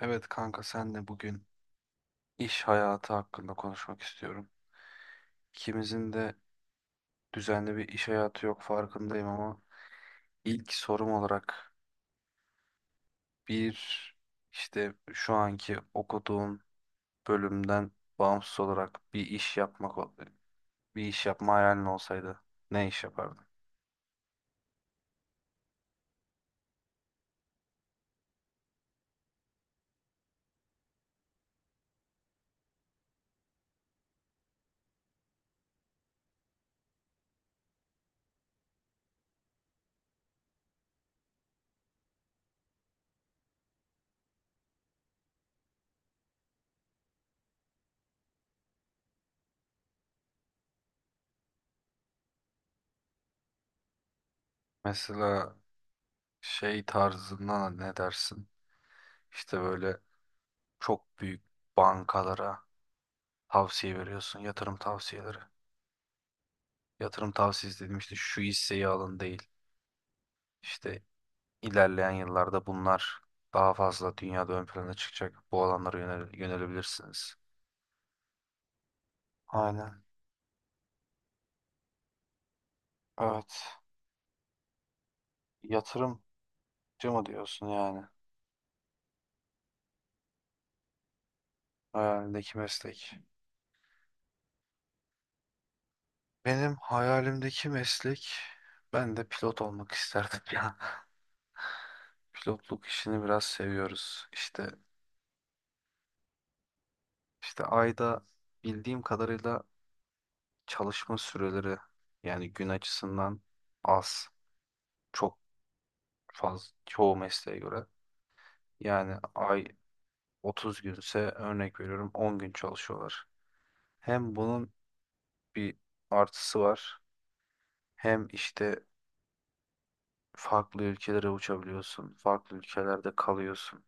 Evet kanka senle bugün iş hayatı hakkında konuşmak istiyorum. İkimizin de düzenli bir iş hayatı yok farkındayım ama ilk sorum olarak bir işte şu anki okuduğun bölümden bağımsız olarak bir iş yapma hayalin olsaydı ne iş yapardın? Mesela şey tarzından ne dersin? İşte böyle çok büyük bankalara tavsiye veriyorsun, yatırım tavsiyeleri. Yatırım tavsiyesi dedim, işte şu hisseyi alın değil. İşte ilerleyen yıllarda bunlar daha fazla dünyada ön plana çıkacak. Bu alanlara yönelebilirsiniz. Aynen. Evet. Yatırımcı mı diyorsun yani? Hayalindeki meslek. Benim hayalimdeki meslek, ben de pilot olmak isterdim ya. Pilotluk işini biraz seviyoruz. İşte işte ayda, bildiğim kadarıyla, çalışma süreleri yani gün açısından az. Çok fazla, çoğu mesleğe göre. Yani ay 30 günse, örnek veriyorum, 10 gün çalışıyorlar. Hem bunun bir artısı var, hem işte farklı ülkelere uçabiliyorsun. Farklı ülkelerde kalıyorsun.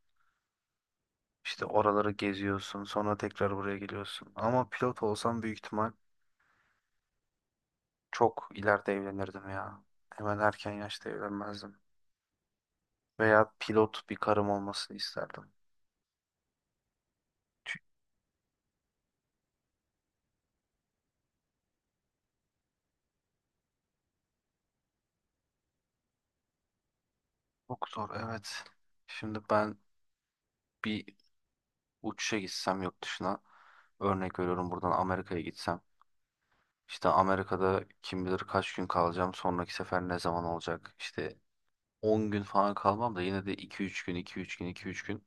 İşte oraları geziyorsun, sonra tekrar buraya geliyorsun. Ama pilot olsam büyük ihtimal çok ileride evlenirdim ya. Hemen erken yaşta evlenmezdim. Veya pilot bir karım olmasını isterdim. Çünkü çok zor, evet. Şimdi ben bir uçuşa gitsem yurt dışına, örnek veriyorum buradan Amerika'ya gitsem, işte Amerika'da kim bilir kaç gün kalacağım, sonraki sefer ne zaman olacak, işte 10 gün falan kalmam da yine de 2-3 gün, 2-3 gün, 2-3 gün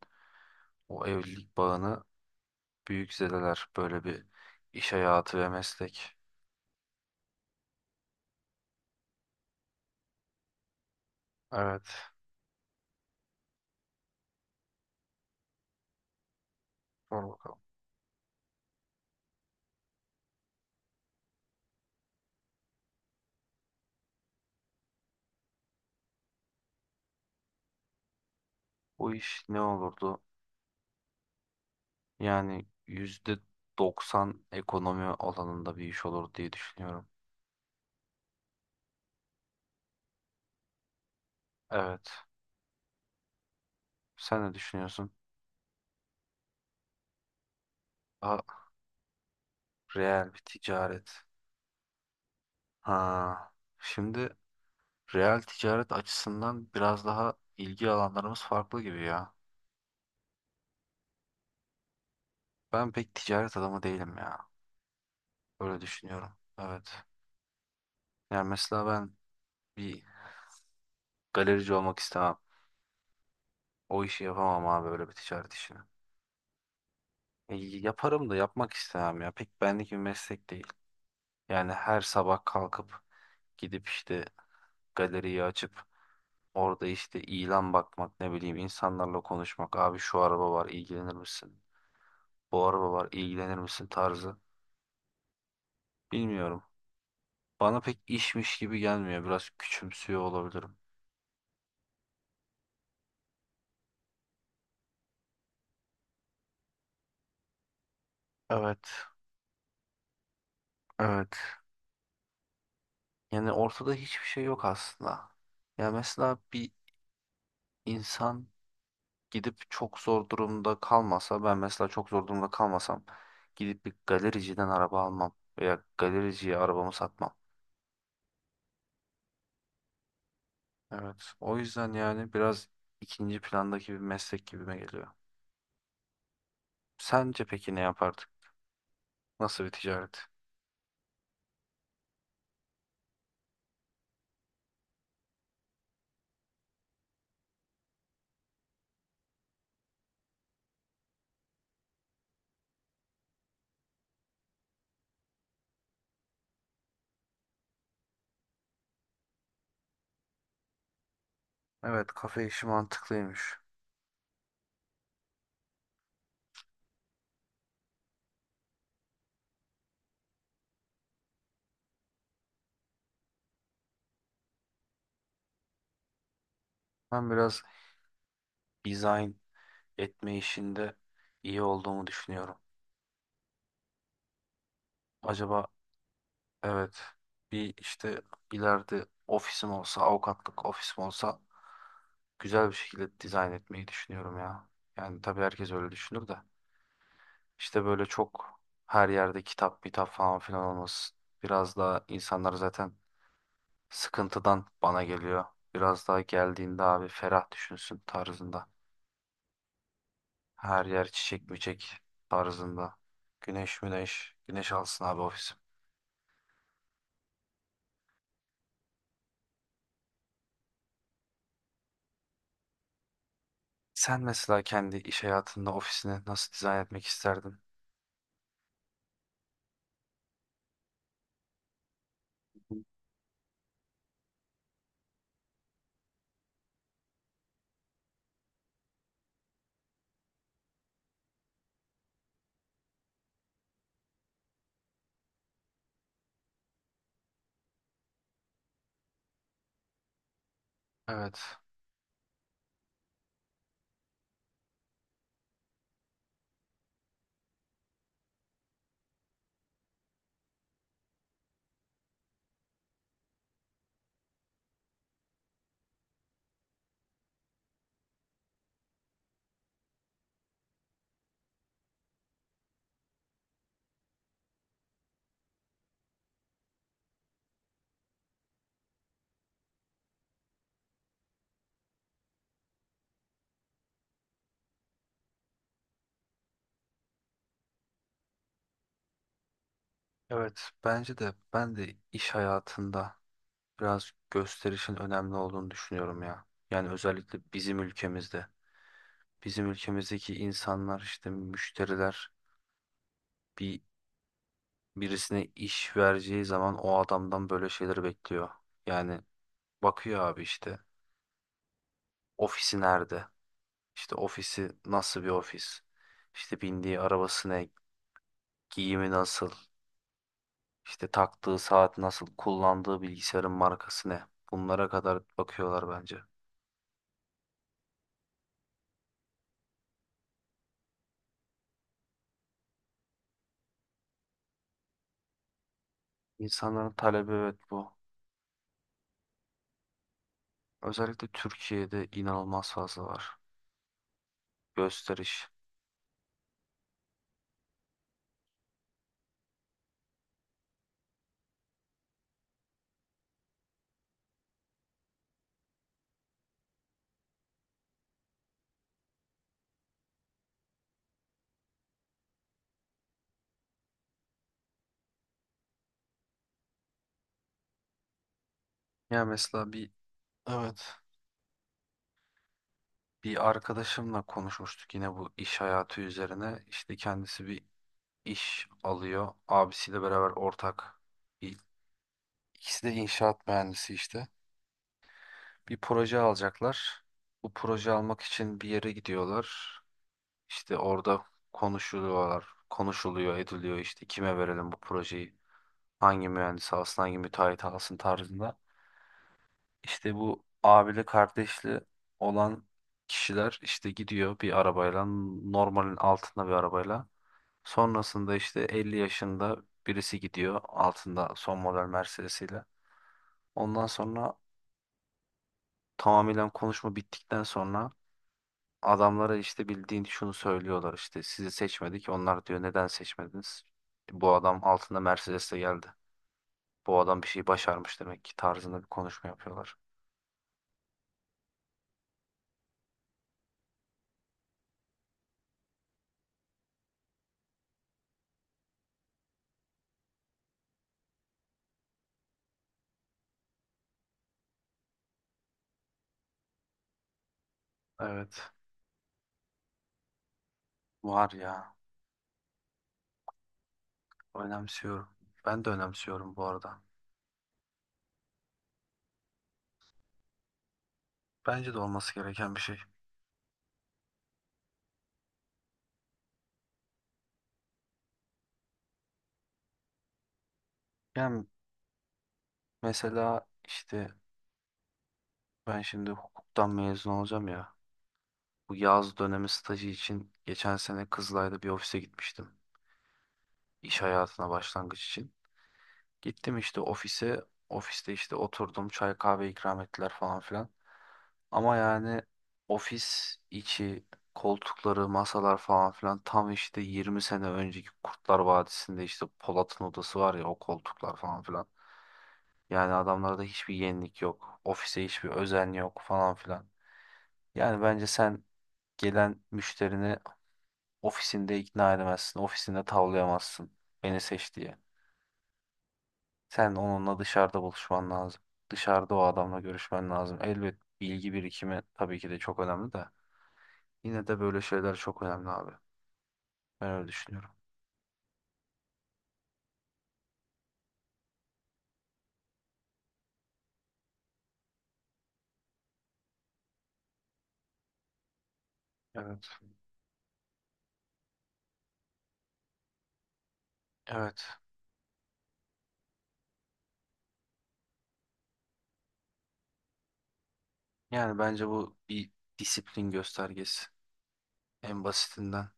o evlilik bağını büyük zedeler, böyle bir iş hayatı ve meslek. Evet, sor bakalım. Bu iş ne olurdu? Yani %90 ekonomi alanında bir iş olur diye düşünüyorum. Evet. Sen ne düşünüyorsun? Daha reel bir ticaret. Ha, şimdi reel ticaret açısından biraz daha ilgi alanlarımız farklı gibi ya. Ben pek ticaret adamı değilim ya. Öyle düşünüyorum. Evet. Yani mesela ben bir galerici olmak istemem. O işi yapamam abi, öyle bir ticaret işini. E, yaparım da yapmak istemem ya. Pek benlik bir meslek değil. Yani her sabah kalkıp gidip işte galeriyi açıp, orada işte ilan bakmak, ne bileyim, insanlarla konuşmak. Abi şu araba var ilgilenir misin? Bu araba var ilgilenir misin tarzı. Bilmiyorum. Bana pek işmiş gibi gelmiyor. Biraz küçümsüyor olabilirim. Evet, evet. Yani ortada hiçbir şey yok aslında. Yani mesela bir insan gidip çok zor durumda kalmasa, ben mesela çok zor durumda kalmasam, gidip bir galericiden araba almam veya galericiye arabamı satmam. Evet. O yüzden yani biraz ikinci plandaki bir meslek gibime geliyor. Sence peki ne yapardık? Nasıl bir ticaret? Evet, kafe işi mantıklıymış. Ben biraz dizayn etme işinde iyi olduğumu düşünüyorum. Acaba, evet, bir işte ileride ofisim olsa, avukatlık ofisim olsa, güzel bir şekilde dizayn etmeyi düşünüyorum ya. Yani tabii herkes öyle düşünür de. İşte böyle çok, her yerde kitap, kitap falan filan olması, biraz daha insanlar zaten sıkıntıdan bana geliyor. Biraz daha geldiğinde abi ferah düşünsün tarzında. Her yer çiçek böcek tarzında. Güneş müneş. Güneş alsın abi ofisim. Sen mesela kendi iş hayatında ofisini nasıl dizayn etmek isterdin? Evet. Evet. Bence de ben de iş hayatında biraz gösterişin önemli olduğunu düşünüyorum ya. Yani özellikle bizim ülkemizde. Bizim ülkemizdeki insanlar, işte müşteriler, bir birisine iş vereceği zaman o adamdan böyle şeyleri bekliyor. Yani bakıyor abi, işte ofisi nerede? İşte ofisi nasıl bir ofis? İşte bindiği arabası ne? Giyimi nasıl? İşte taktığı saat nasıl? Kullandığı bilgisayarın markası ne? Bunlara kadar bakıyorlar bence. İnsanların talebi evet bu. Özellikle Türkiye'de inanılmaz fazla var. Gösteriş. Ya mesela evet, bir arkadaşımla konuşmuştuk yine bu iş hayatı üzerine. İşte kendisi bir iş alıyor. Abisiyle beraber ortak. İ- İkisi de inşaat mühendisi işte. Bir proje alacaklar. Bu proje almak için bir yere gidiyorlar. İşte orada konuşuluyorlar. Konuşuluyor, ediliyor, işte kime verelim bu projeyi? Hangi mühendis alsın, hangi müteahhit alsın tarzında. İşte bu abili kardeşli olan kişiler işte gidiyor bir arabayla, normalin altında bir arabayla. Sonrasında işte 50 yaşında birisi gidiyor altında son model Mercedes'iyle. Ondan sonra, tamamen konuşma bittikten sonra, adamlara işte bildiğin şunu söylüyorlar, işte sizi seçmedik. Onlar diyor neden seçmediniz? Bu adam altında Mercedes'le geldi. Bu adam bir şey başarmış demek ki tarzında bir konuşma yapıyorlar. Evet, var ya, önemsiyorum. Ben de önemsiyorum bu arada. Bence de olması gereken bir şey. Yani mesela işte ben şimdi hukuktan mezun olacağım ya. Bu yaz dönemi stajı için geçen sene Kızılay'da bir ofise gitmiştim. İş hayatına başlangıç için. Gittim işte ofise. Ofiste işte oturdum. Çay kahve ikram ettiler falan filan. Ama yani ofis içi koltukları, masalar falan filan, tam işte 20 sene önceki Kurtlar Vadisi'nde işte Polat'ın odası var ya, o koltuklar falan filan. Yani adamlarda hiçbir yenilik yok. Ofise hiçbir özen yok falan filan. Yani bence sen gelen müşterini ofisinde ikna edemezsin. Ofisinde tavlayamazsın. Beni seç diye. Sen onunla dışarıda buluşman lazım. Dışarıda o adamla görüşmen lazım. Elbet bilgi birikimi tabii ki de çok önemli de. Yine de böyle şeyler çok önemli abi. Ben öyle düşünüyorum. Evet. Evet. Yani bence bu bir disiplin göstergesi. En basitinden.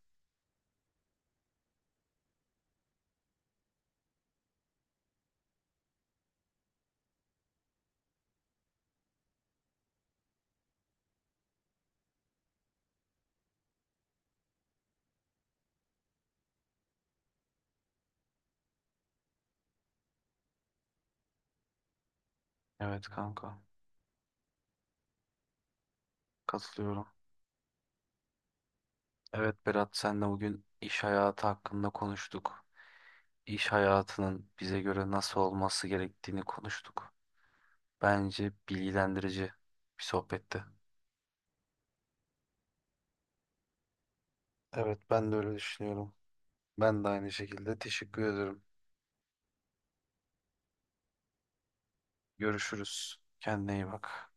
Evet kanka. Katılıyorum. Evet Berat, senle bugün iş hayatı hakkında konuştuk. İş hayatının bize göre nasıl olması gerektiğini konuştuk. Bence bilgilendirici bir sohbetti. Evet, ben de öyle düşünüyorum. Ben de aynı şekilde teşekkür ederim. Görüşürüz. Kendine iyi bak.